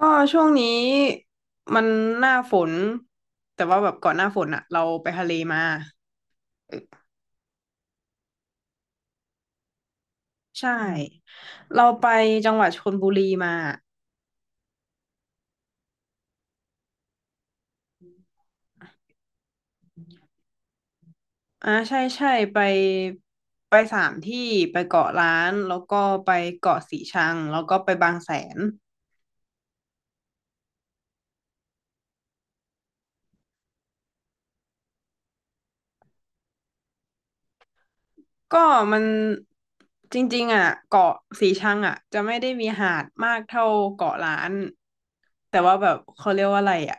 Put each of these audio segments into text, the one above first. ก็ช่วงนี้มันหน้าฝนแต่ว่าแบบก่อนหน้าฝนอะเราไปทะเลมาเออใช่เราไปจังหวัดชลบุรีมาอ่าใช่ใช่ไปไปสามที่ไปเกาะล้านแล้วก็ไปเกาะสีชังแล้วก็ไปบางแสน ก็มันจริงๆอ่ะเกาะสีชังอ่ะจะไม่ได้มีหาดมากเท่าเกาะล้านแต่ว่าแบบเขาเรียกว่าอะไรอ่ะ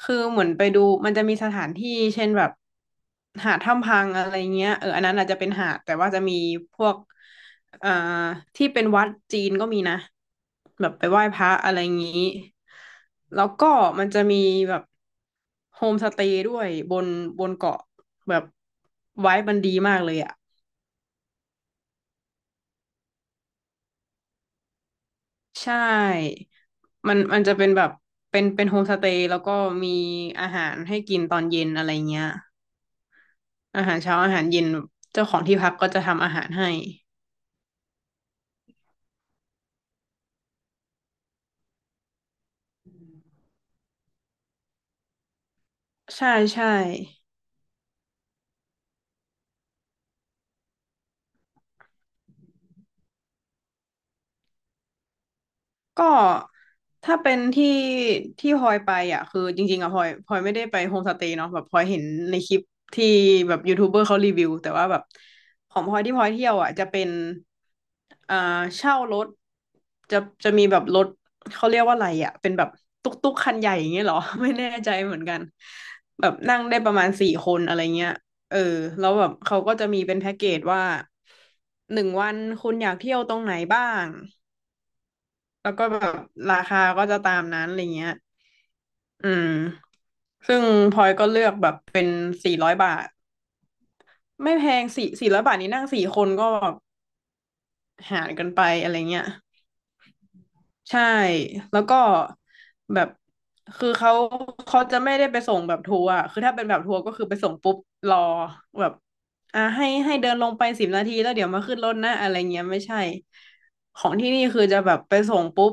คือเหมือนไปดูมันจะมีสถานที่เช่นแบบหาดถ้ำพังอะไรเงี้ยเอออันนั้นอาจจะเป็นหาดแต่ว่าจะมีพวกเอ่อที่เป็นวัดจีนก็มีนะแบบไปไหว้พระอะไรงี้แล้วก็มันจะมีแบบโฮมสเตย์ด้วยบนเกาะแบบไว้มันดีมากเลยอ่ะ ใช่มันจะเป็นแบบ เป็นโฮมสเตย์แล้วก็มีอาหารให้กินตอนเย็นอะไรเงี้ย อาหารเช้า อาหารเย็น เจ้าของที่พักก็จะทำอาหารให้ ใช่ใช่ ก็ถ้าเป็นที่ที่พลอยไปอ่ะคือจริงๆอ่ะพลอยไม่ได้ไปโฮมสเตย์เนาะแบบพลอยเห็นในคลิปที่แบบยูทูบเบอร์เขารีวิวแต่ว่าแบบของพลอยที่พลอยเที่ยวอ่ะจะเป็นอ่าเช่ารถจะจะมีแบบรถเขาเรียกว่าอะไรอ่ะเป็นแบบตุ๊กตุ๊กคันใหญ่อย่างเงี้ยเหรอ ไม่แน่ใจเหมือนกันแบบนั่งได้ประมาณสี่คนอะไรเงี้ยเออแล้วแบบเขาก็จะมีเป็นแพ็กเกจว่าหนึ่งวันคุณอยากเที่ยวตรงไหนบ้าง แล้วก็แบบราคาก็จะตามนั้นอะไรเงี้ยอืม ซึ่งพลอยก็เลือกแบบเป็นสี่ร้อยบาทไม่แพงสี่ร้อยบาทนี้นั่งสี่คนก็แบบหารกันไปอะไรเงี้ย ใช่แล้วก็แบบคือเขาจะไม่ได้ไปส่งแบบทัวร์อะคือถ้าเป็นแบบทัวร์ก็คือไปส่งปุ๊บรอแบบให้เดินลงไป10 นาทีแล้วเดี๋ยวมาขึ้นรถนะอะไรเงี้ยไม่ใช่ของที่นี่คือจะแบบไปส่งปุ๊บ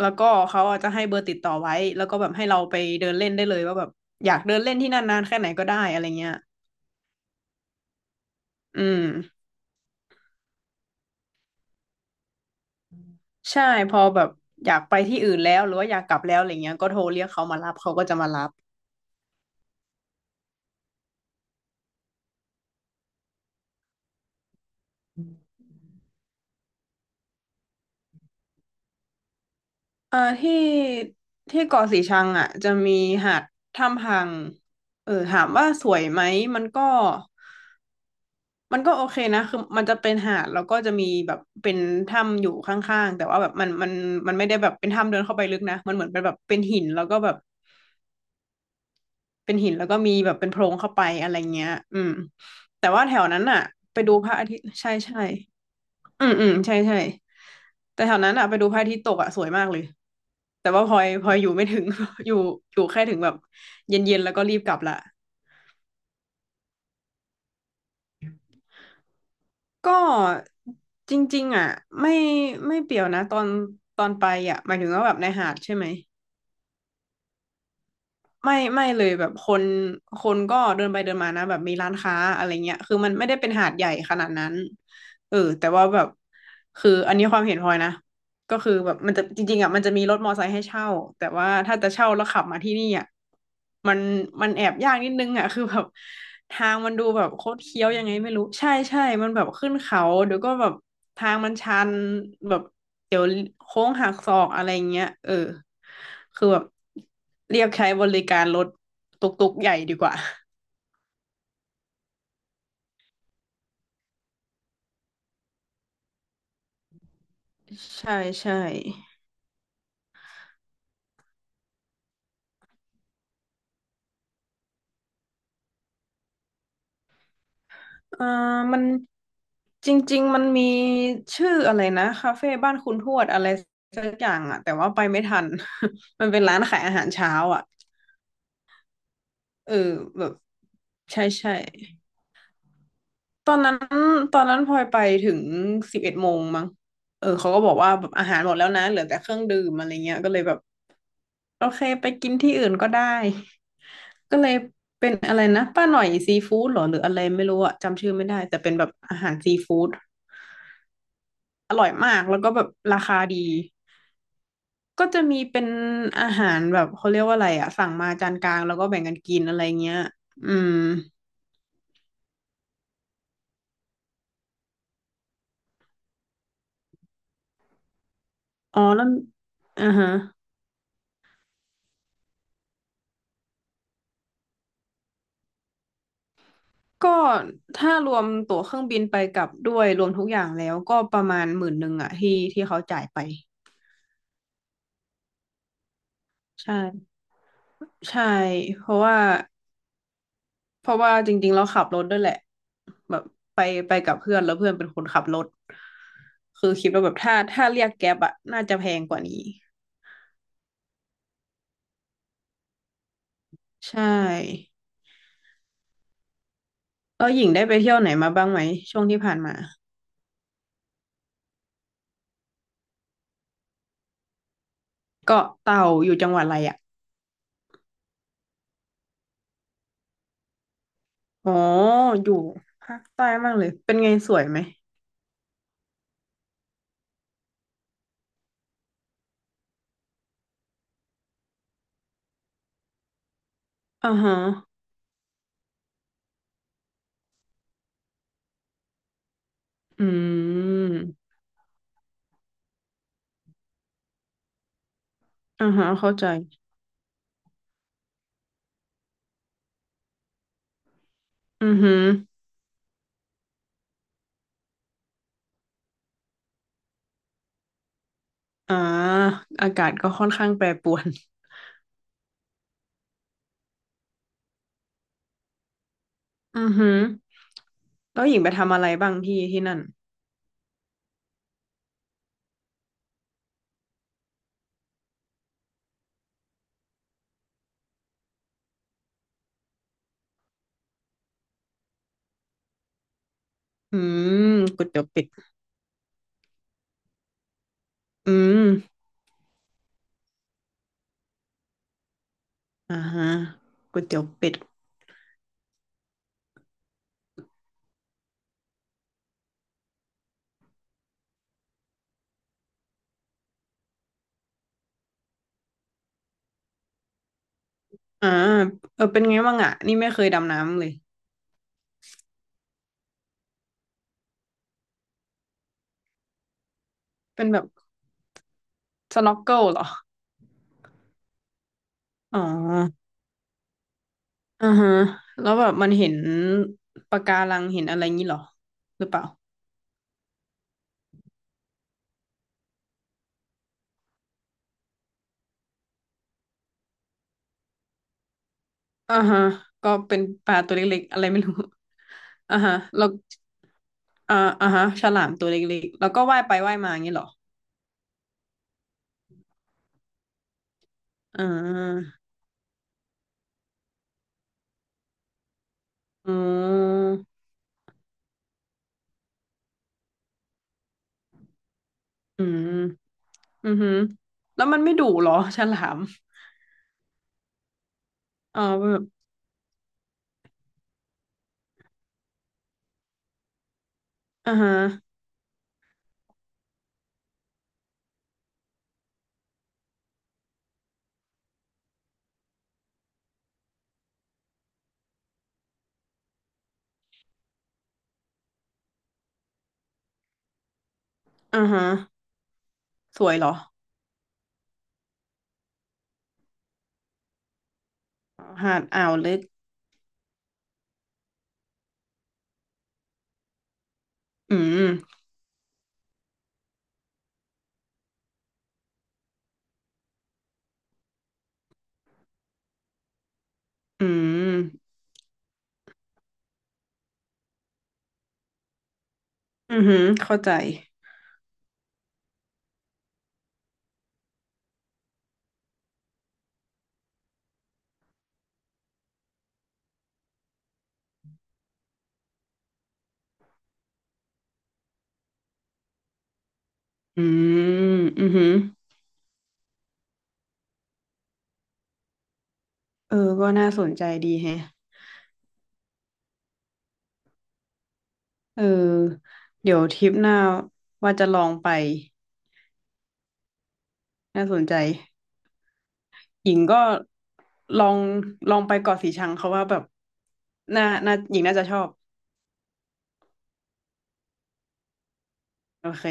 แล้วก็เขาอาจจะให้เบอร์ติดต่อไว้แล้วก็แบบให้เราไปเดินเล่นได้เลยว่าแบบอยากเดินเล่นที่นั่นนานแค่ไหนก็ได้อะไรเงี้ยอืมใช่พอแบบอยากไปที่อื่นแล้วหรือว่าอยากกลับแล้วอะไรเงี้ยก็โทรเรียกเขามารับเขาก็จะมารับ ที่ที่เกาะสีชังอ่ะจะมีหาดถ้ำพังเออถามว่าสวยไหมมันก็มันก็โอเคนะคือมันจะเป็นหาดแล้วก็จะมีแบบเป็นถ้ำอยู่ข้างๆแต่ว่าแบบมันไม่ได้แบบเป็นถ้ำเดินเข้าไปลึกนะมันเหมือนเป็นแบบเป็นหินแล้วก็แบบเป็นหินแล้วก็มีแบบเป็นโพรงเข้าไปอะไรเงี้ยอืมแต่ว่าแถวนั้นอ่ะไปดูพระอาทิตย์ใช่ใช่ อืมอืมใช่ใช่แต่แถวนั้นอะไปดูพระอาทิตย์ตกอะสวยมากเลยแต่ว่าพลอยอยู่ไม่ถึง อยู่อยู่แค่ถึงแบบเย็นๆแล้วก็รีบกลับละก็จริงๆอ่ะไม่ไม่เปรียวนะตอนไปอ่ะหมายถึงว่าแบบในหาดใช่ไหม ไม่ไม่เลยแบบคนก็เดินไปเดินมานะแบบมีร้านค้าอะไรเงี้ยคือมันไม่ได้เป็นหาดใหญ่ขนาดนั้นเออแต่ว่าแบบคืออันนี้ความเห็นพลอยนะก็คือแบบมันจะจริงๆอ่ะมันจะมีรถมอไซค์ให้เช่าแต่ว่าถ้าจะเช่าแล้วขับมาที่นี่อ่ะมันมันแอบยากนิดนึงอ่ะคือแบบทางมันดูแบบโคตรเคี้ยวยังไงไม่รู้ใช่ใช่มันแบบขึ้นเขาเดี๋ยวก็แบบทางมันชันแบบ เดี๋ยวโค้งหักศอกอะไรเงี้ยเออคือแบบเรียกใช้บริการรถตุกๆใหญ่ดีกว่าใช่ใช่อ่ามันจริงๆมันมีชื่ออะไรนะคาเฟ่บ้านคุณทวดอะไรสักอย่างอะแต่ว่าไปไม่ทัน มันเป็นร้านขายอาหารเช้าอ่ะเออแบบใช่ใช่ตอนนั้นตอนนั้นพลอยไปถึง11 โมงมั้งเออเขาก็บอกว่าแบบอาหารหมดแล้วนะเหลือแต่เครื่องดื่มอะไรเงี้ยก็เลยแบบ โอเคไปกินที่อื่นก็ได้ก็เลยเป็นอะไรนะป้าหน่อยซีฟู้ดเหรอหรืออะไรไม่รู้อะจำชื่อไม่ได้แต่เป็นแบบอาหารซีฟู้ดอร่อยมากแล้วก็แบบราคาดีก็จะมีเป็นอาหารแบบเขาเรียกว่าอะไรอะสั่งมาจานกลางแล้วก็แบ่งกันกินอะไรเงี้ยอืมอ๋อแล้วอ่าฮะก็ถ้ารวมตั๋วเครื่องบินไปกลับด้วยรวมทุกอย่างแล้วก็ประมาณหมื่นหนึ่งอะที่เขาจ่ายไปใช่ใช่เพราะว่า เพราะว่าจริงๆเราขับรถด้วยแหละแบบไปไปกับเพื่อนแล้วเพื่อนเป็นคนขับรถคือคิดว่าแบบถ้าเรียกแก๊ปอะน่าจะแพงกว่านี้ใช่แล้วหญิงได้ไปเที่ยวไหนมาบ้างไหมช่วงที่ผ่านมาเกาะเต่าอยู่จังหวัดอะไรอะอ๋ออยู่ภาคใต้มากเลยเป็นไงสวยไหมอ่าฮะอืมอ่าฮะเข้าใจอือหืออ่าอากาศก็ค่อนข้างแปรปรวนอือหือแล้วหญิงไปทำอะไรบ้างที่ที่นั่น อืมก๋วยเตี๋ยวเป็ดอืมอ่าฮะก๋วยเตี๋ยวเป็ดอ่าเออเป็นไงบ้างอ่ะนี่ไม่เคยดำน้ำเลยเป็นแบบสน็อกเกิลเหรออ๋ออ่าฮะแล้วแบบมันเห็นปะการังเห็นอะไรงี้เหรอหรือเปล่าอ่าฮะก็เป็นปลาตัวเล็กๆอะไรไม่รู้ อ่าฮะแล้วอ่าอ่าฮะฉลามตัวเล็กๆแล้วก็ว่ายไปว่ายมาอย่างงี้เหรออ่าอืมอืมอือหือแล้วมันไม่ดุเหรอฉลามอ๋อ อ่าฮะอ่าฮะสวยเหรออ๋อหาดอ่าวลึกอืมอืมอือหือเข้าใจอืมอือหือเออก็น่าสนใจดีแฮะเออเดี๋ยวทริปหน้าว่าจะลองไปน่าสนใจหญิงก็ลองลองไปเกาะสีชังเขาว่าแบบน่าหญิงน่าจะชอบโอเค